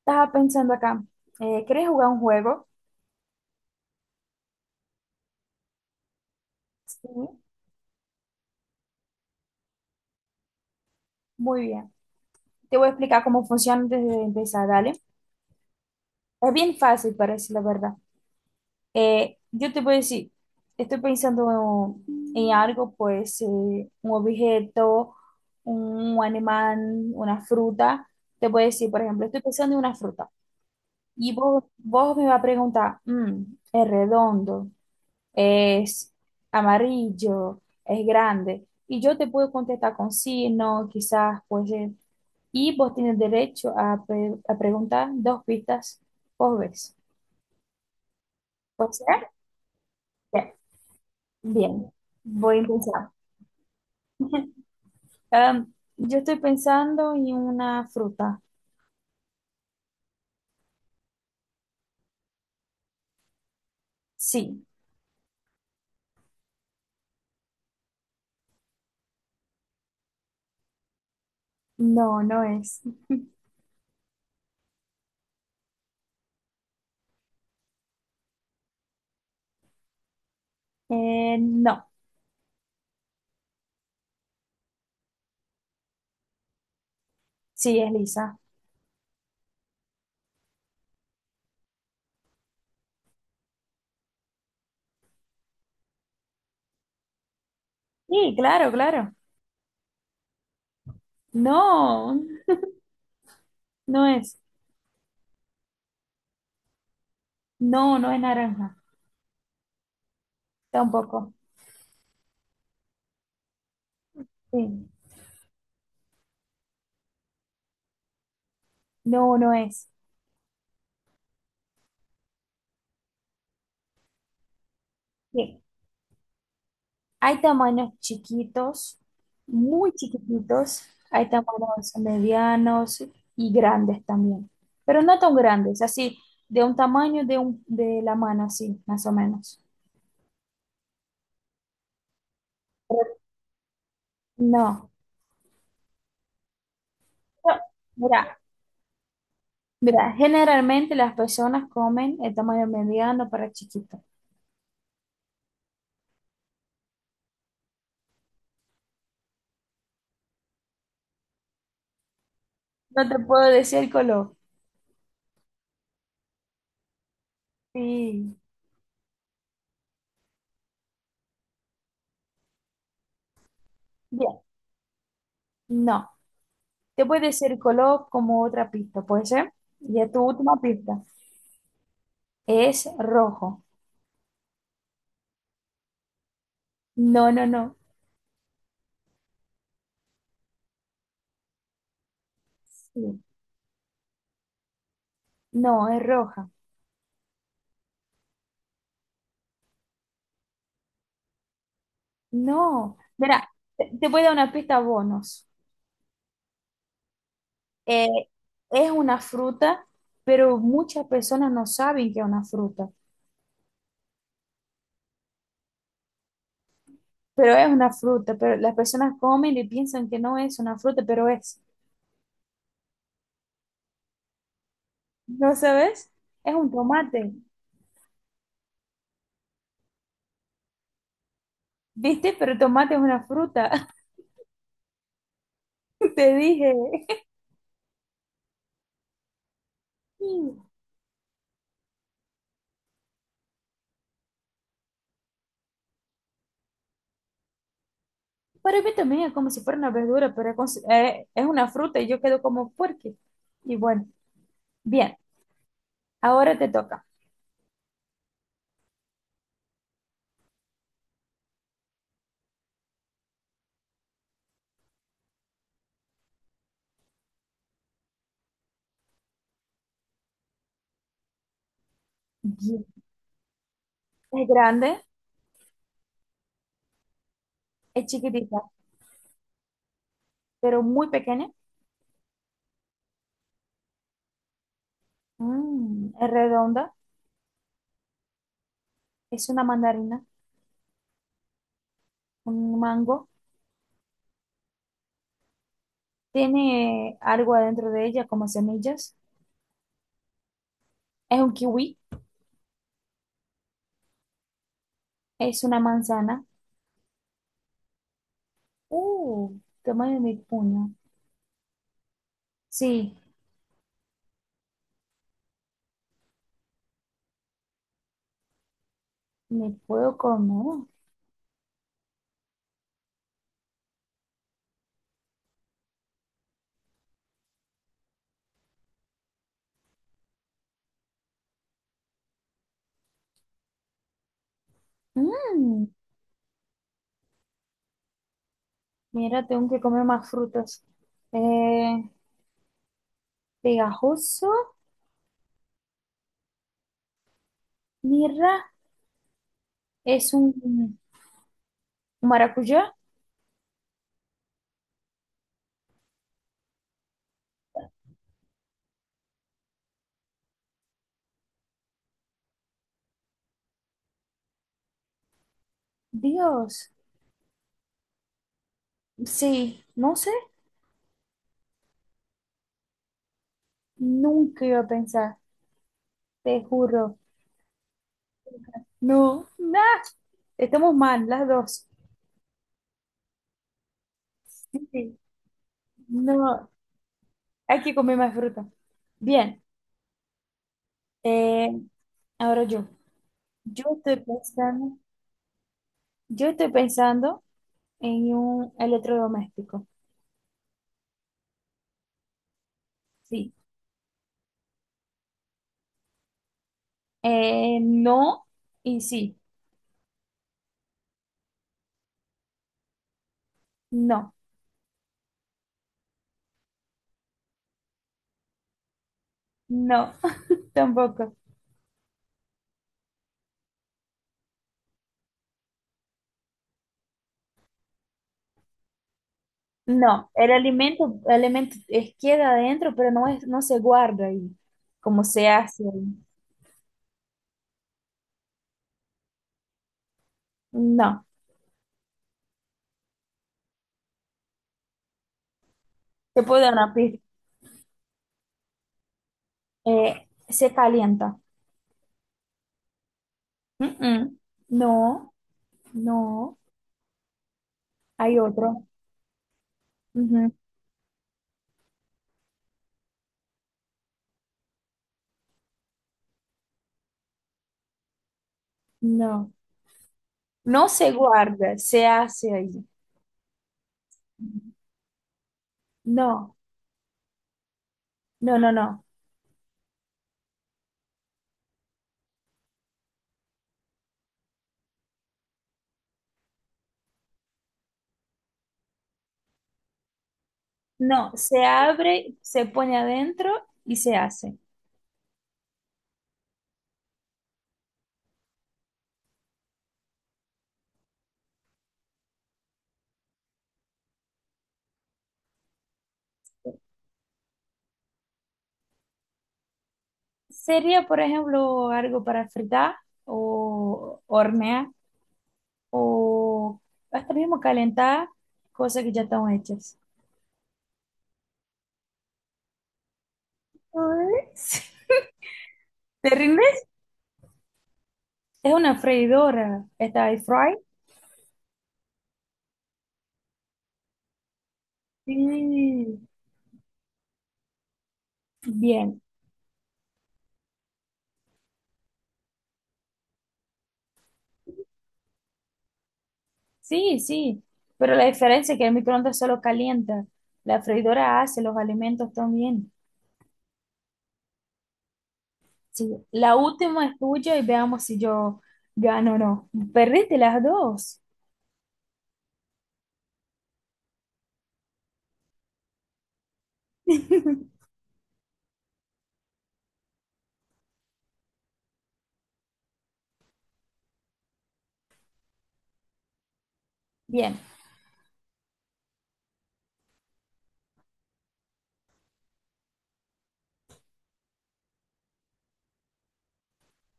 Estaba pensando acá, ¿querés jugar un juego? Sí. Muy bien. Te voy a explicar cómo funciona antes de empezar, dale. Es bien fácil, parece la verdad. Yo te voy a decir, estoy pensando en algo, pues, un objeto, un animal, una fruta. Te voy a decir, por ejemplo, estoy pensando en una fruta. Y vos me vas a preguntar, ¿es redondo?, es amarillo, es grande. Y yo te puedo contestar con sí, no, quizás, pues, y vos tienes derecho a, a preguntar dos pistas por vez. ¿Puede ser? Bien. Bien. Voy a empezar. Yo estoy pensando en una fruta. Sí, no, no es. No, sí, es lisa. Sí, claro, claro. No, no es. No, no es naranja. Tampoco. Sí. No, no es. Sí. Hay tamaños chiquitos, muy chiquititos, hay tamaños medianos y grandes también, pero no tan grandes, así, de un tamaño de, un, de la mano, así, más o menos. No. No, mira, mira, generalmente las personas comen el tamaño mediano para chiquito. No te puedo decir el color. Sí. Bien, no. Te puedo decir el color como otra pista, ¿puede ser? Y tu última pista es rojo. No, no, no. Sí. No, es roja. No. Mira, te voy a dar una pista bonus. Eh, es una fruta, pero muchas personas no saben que es una fruta. Pero es una fruta, pero las personas comen y piensan que no es una fruta, pero es. ¿No sabes? Es un tomate. ¿Viste? Pero tomate es una fruta. Te dije. Sí. Para mí también es como si fuera una verdura, pero es, es una fruta y yo quedo como, ¿por qué? Y bueno, bien, ahora te toca. Es grande, es chiquitita, pero muy pequeña. Mm, es redonda, es una mandarina, un mango. Tiene algo adentro de ella como semillas. Es un kiwi, es una manzana. Uh, tamaño de mi puño. Sí, me puedo comer. Mm, mira, tengo que comer más frutas. Eh, Pegajoso, mira, es un maracuyá. Dios, sí, no sé, nunca iba a pensar. Te juro. No, nada. Estamos mal, las dos. Sí, sí no, hay que comer más fruta. Bien, eh, ahora yo. Yo estoy pensando, yo estoy pensando en un electrodoméstico. Sí. No y sí. No, no, tampoco. No, el alimento, alimento es, queda adentro, pero no es, no se guarda ahí, como se hace. Ahí. No, te puedo dar una pista. Se calienta. Mm-mm. No, no, hay otro. Ujú. No, no se guarda, se hace ahí. No, no, no, no. No, se abre, se pone adentro y se hace. Sería, por ejemplo, algo para fritar o hornear o hasta mismo calentar cosas que ya están hechas. Ay, sí. ¿Te rindes? Es una freidora. ¿Está ahí fry? Sí. Bien. Sí, sí, pero la diferencia es que el microondas solo calienta, la freidora hace los alimentos también. Sí, la última es tuya y veamos si yo gano o no. Perdiste las dos. Bien,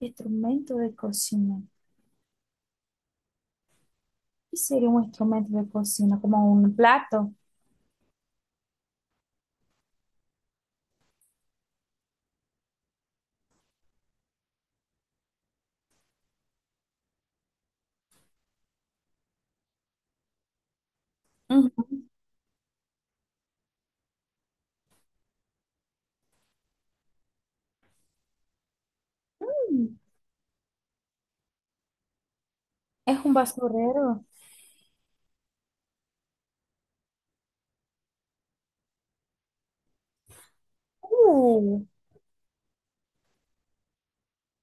instrumento de cocina. ¿Qué sería un instrumento de cocina? Como un plato. Ujú. Mm, es un basurero. Uh,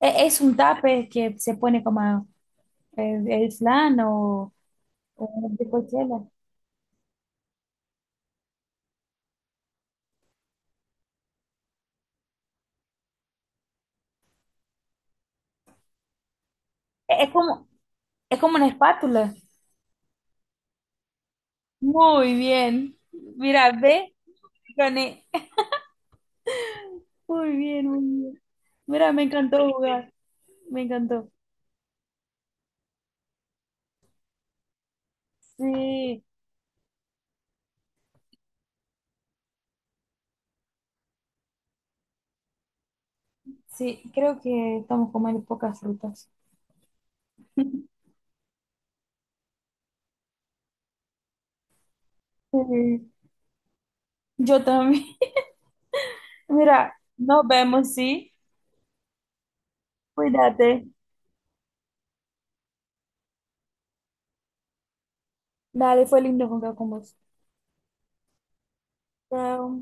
es un tape que se pone como el flan o de cualquiera. E, Es como, es como una espátula. Muy bien. Mira, ve, gané. Muy bien, muy bien. Mira, me encantó jugar. Me encantó. Sí, sí, creo que estamos comiendo pocas frutas. Sí, yo también. Mira, nos vemos, ¿sí? Cuídate. Dale, fue lindo jugar con vos. Chao.